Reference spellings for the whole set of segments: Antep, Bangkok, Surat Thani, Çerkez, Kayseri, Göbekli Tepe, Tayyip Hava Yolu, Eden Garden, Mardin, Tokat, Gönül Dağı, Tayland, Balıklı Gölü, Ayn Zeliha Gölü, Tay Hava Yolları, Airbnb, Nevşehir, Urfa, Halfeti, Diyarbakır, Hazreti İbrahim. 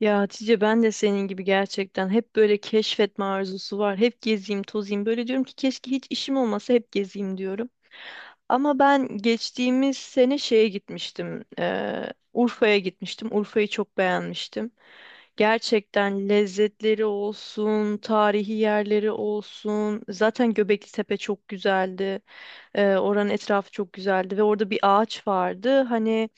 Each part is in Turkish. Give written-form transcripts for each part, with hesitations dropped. Ya Hatice ben de senin gibi gerçekten hep böyle keşfetme arzusu var. Hep gezeyim, tozayım. Böyle diyorum ki keşke hiç işim olmasa hep gezeyim diyorum. Ama ben geçtiğimiz sene şeye gitmiştim. Urfa'ya gitmiştim. Urfa'yı çok beğenmiştim. Gerçekten lezzetleri olsun, tarihi yerleri olsun. Zaten Göbekli Tepe çok güzeldi. Oranın etrafı çok güzeldi ve orada bir ağaç vardı. Hani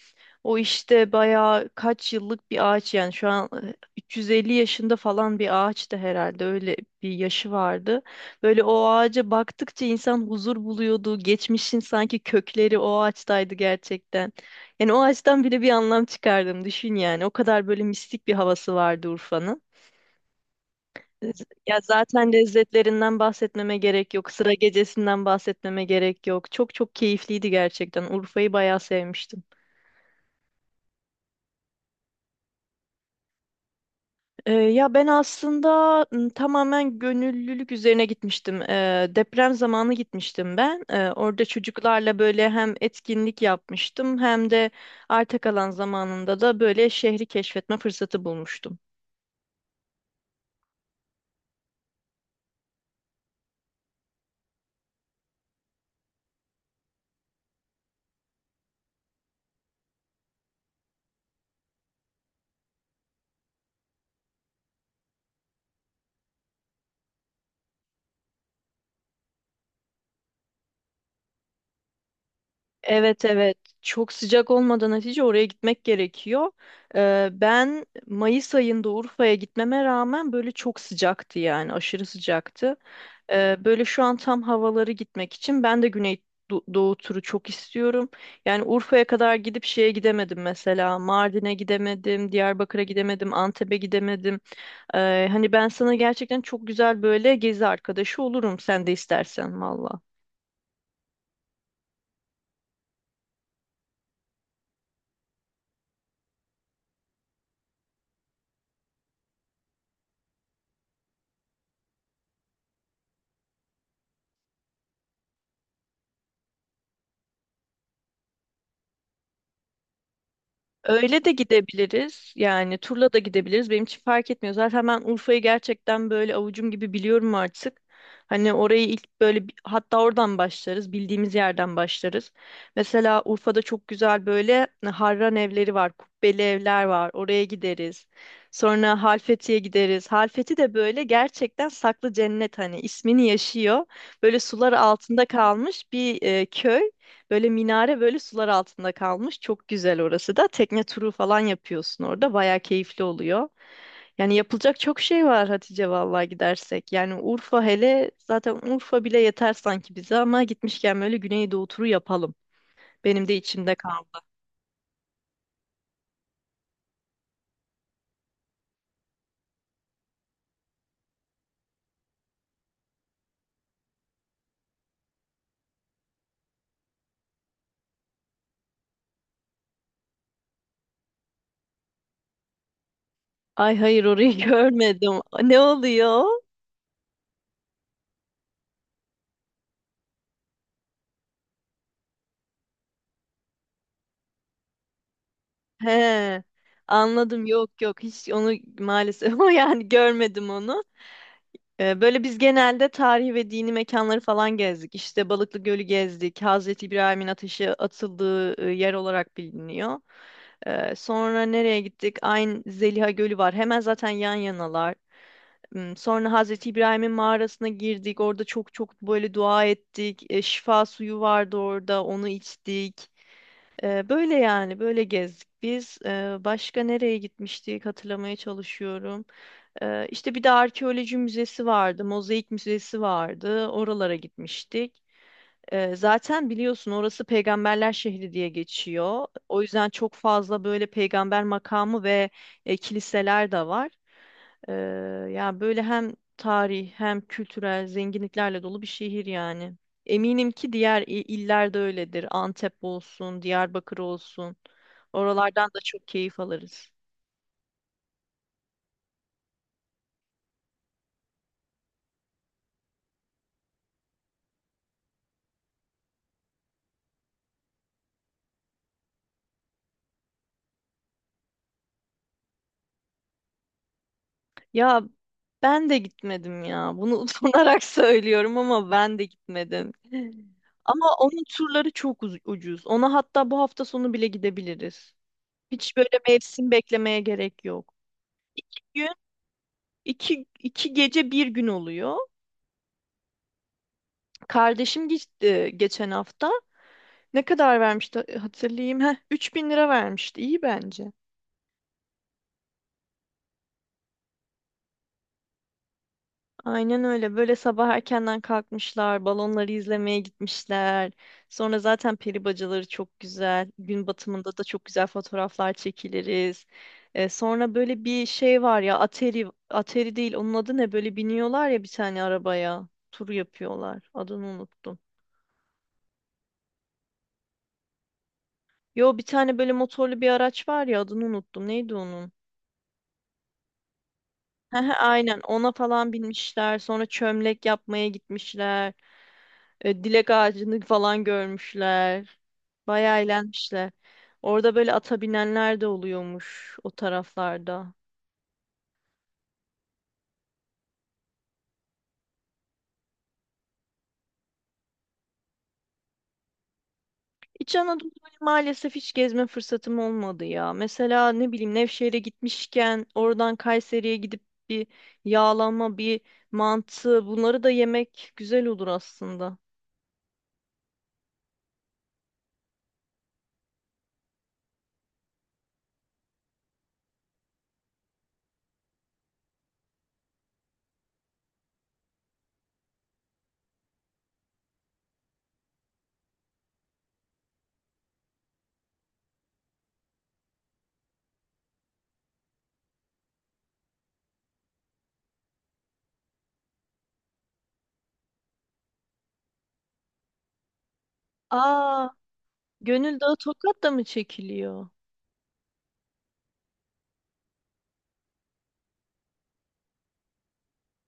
o işte bayağı kaç yıllık bir ağaç yani şu an 350 yaşında falan bir ağaçtı herhalde öyle bir yaşı vardı. Böyle o ağaca baktıkça insan huzur buluyordu. Geçmişin sanki kökleri o ağaçtaydı gerçekten. Yani o ağaçtan bile bir anlam çıkardım düşün yani. O kadar böyle mistik bir havası vardı Urfa'nın. Ya zaten lezzetlerinden bahsetmeme gerek yok. Sıra gecesinden bahsetmeme gerek yok. Çok çok keyifliydi gerçekten. Urfa'yı bayağı sevmiştim. Ya ben aslında tamamen gönüllülük üzerine gitmiştim. Deprem zamanı gitmiştim ben. Orada çocuklarla böyle hem etkinlik yapmıştım hem de arta kalan zamanında da böyle şehri keşfetme fırsatı bulmuştum. Evet evet çok sıcak olmadan Hatice oraya gitmek gerekiyor. Ben Mayıs ayında Urfa'ya gitmeme rağmen böyle çok sıcaktı yani aşırı sıcaktı. Böyle şu an tam havaları gitmek için ben de Güney Doğu turu çok istiyorum. Yani Urfa'ya kadar gidip şeye gidemedim, mesela Mardin'e gidemedim, Diyarbakır'a gidemedim, Antep'e gidemedim. Hani ben sana gerçekten çok güzel böyle gezi arkadaşı olurum sen de istersen valla. Öyle de gidebiliriz. Yani turla da gidebiliriz. Benim için fark etmiyor. Zaten ben Urfa'yı gerçekten böyle avucum gibi biliyorum artık. Hani orayı ilk böyle hatta oradan başlarız. Bildiğimiz yerden başlarız. Mesela Urfa'da çok güzel böyle harran evleri var. Kubbeli evler var. Oraya gideriz. Sonra Halfeti'ye gideriz. Halfeti de böyle gerçekten saklı cennet, hani ismini yaşıyor. Böyle sular altında kalmış bir köy. Böyle minare böyle sular altında kalmış. Çok güzel orası da. Tekne turu falan yapıyorsun orada. Bayağı keyifli oluyor. Yani yapılacak çok şey var Hatice, vallahi gidersek. Yani Urfa hele, zaten Urfa bile yeter sanki bize ama gitmişken böyle Güneydoğu turu yapalım. Benim de içimde kaldı. Ay hayır, orayı görmedim. Ne oluyor? He. Anladım. Yok yok. Hiç onu maalesef yani görmedim onu. Böyle biz genelde tarihi ve dini mekanları falan gezdik. İşte Balıklı Gölü gezdik. Hazreti İbrahim'in ateşe atıldığı yer olarak biliniyor. Sonra nereye gittik? Ayn Zeliha Gölü var. Hemen zaten yan yanalar. Hmm. Sonra Hazreti İbrahim'in mağarasına girdik. Orada çok çok böyle dua ettik. Şifa suyu vardı orada. Onu içtik. Böyle yani böyle gezdik biz. Başka nereye gitmiştik hatırlamaya çalışıyorum. İşte bir de arkeoloji müzesi vardı. Mozaik müzesi vardı. Oralara gitmiştik. Zaten biliyorsun orası peygamberler şehri diye geçiyor. O yüzden çok fazla böyle peygamber makamı ve kiliseler de var. Ee, Ya böyle hem tarih hem kültürel zenginliklerle dolu bir şehir yani. Eminim ki diğer iller de öyledir. Antep olsun, Diyarbakır olsun. Oralardan da çok keyif alırız. Ya ben de gitmedim ya. Bunu utanarak söylüyorum ama ben de gitmedim. Ama onun turları çok ucuz. Ona hatta bu hafta sonu bile gidebiliriz. Hiç böyle mevsim beklemeye gerek yok. Gün iki, iki gece bir gün oluyor. Kardeşim gitti geçen hafta. Ne kadar vermişti hatırlayayım. Heh, 3.000 TL vermişti. İyi bence. Aynen öyle. Böyle sabah erkenden kalkmışlar, balonları izlemeye gitmişler. Sonra zaten peri bacaları çok güzel. Gün batımında da çok güzel fotoğraflar çekiliriz. Sonra böyle bir şey var ya, Atari, Atari değil, onun adı ne? Böyle biniyorlar ya bir tane arabaya, tur yapıyorlar. Adını unuttum. Yo, bir tane böyle motorlu bir araç var ya, adını unuttum. Neydi onun? Hı hı. Aynen ona falan binmişler. Sonra çömlek yapmaya gitmişler. Dilek ağacını falan görmüşler. Bayağı eğlenmişler. Orada böyle ata binenler de oluyormuş o taraflarda. İç Anadolu'yu maalesef hiç gezme fırsatım olmadı ya. Mesela ne bileyim Nevşehir'e gitmişken oradan Kayseri'ye gidip bir yağlama, bir mantı, bunları da yemek güzel olur aslında. Aa, Gönül Dağı Tokat'ta mı çekiliyor?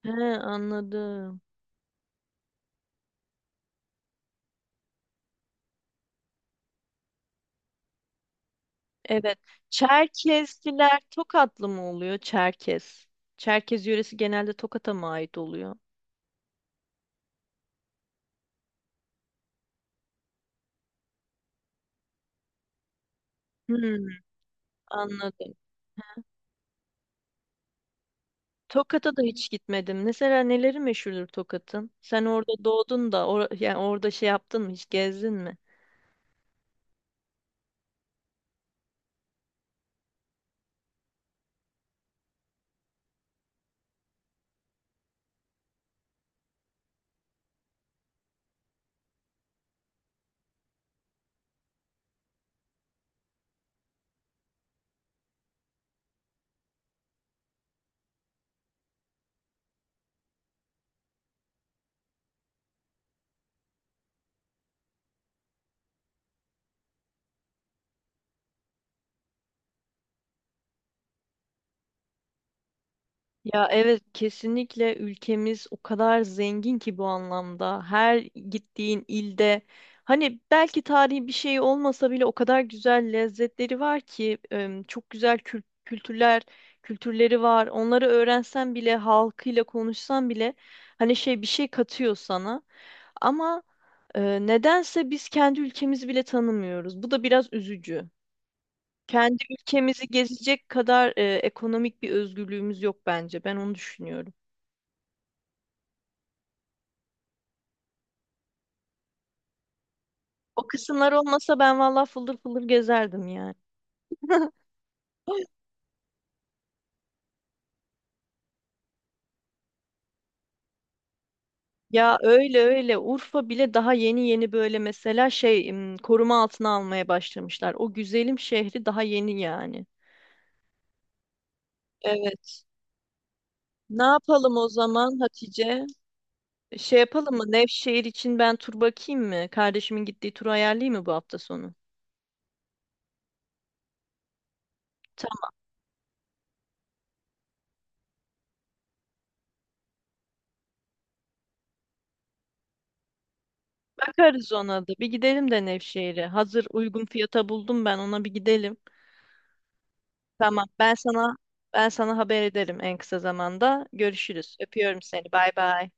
He, anladım. Evet. Çerkezliler Tokatlı mı oluyor? Çerkez. Çerkez yöresi genelde Tokat'a mı ait oluyor? Hmm, anladım. Tokat'a da hiç gitmedim. Mesela neleri meşhurdur Tokat'ın? Sen orada doğdun da or yani orada şey yaptın mı? Hiç gezdin mi? Ya evet, kesinlikle ülkemiz o kadar zengin ki bu anlamda. Her gittiğin ilde hani belki tarihi bir şey olmasa bile o kadar güzel lezzetleri var ki em, çok güzel kültürler kültürleri var. Onları öğrensen bile, halkıyla konuşsan bile hani şey bir şey katıyor sana. Ama e, nedense biz kendi ülkemizi bile tanımıyoruz. Bu da biraz üzücü. Kendi ülkemizi gezecek kadar ekonomik bir özgürlüğümüz yok bence. Ben onu düşünüyorum. O kısımlar olmasa ben vallahi fıldır fıldır gezerdim yani. Ya öyle öyle, Urfa bile daha yeni yeni böyle mesela şey im, koruma altına almaya başlamışlar. O güzelim şehri daha yeni yani. Evet. Ne yapalım o zaman Hatice? Şey yapalım mı? Nevşehir için ben tur bakayım mı? Kardeşimin gittiği turu ayarlayayım mı bu hafta sonu? Tamam, bakarız ona da. Bir gidelim de Nevşehir'e. Hazır uygun fiyata buldum, ben ona bir gidelim. Tamam. Ben sana haber ederim en kısa zamanda. Görüşürüz. Öpüyorum seni. Bay bay.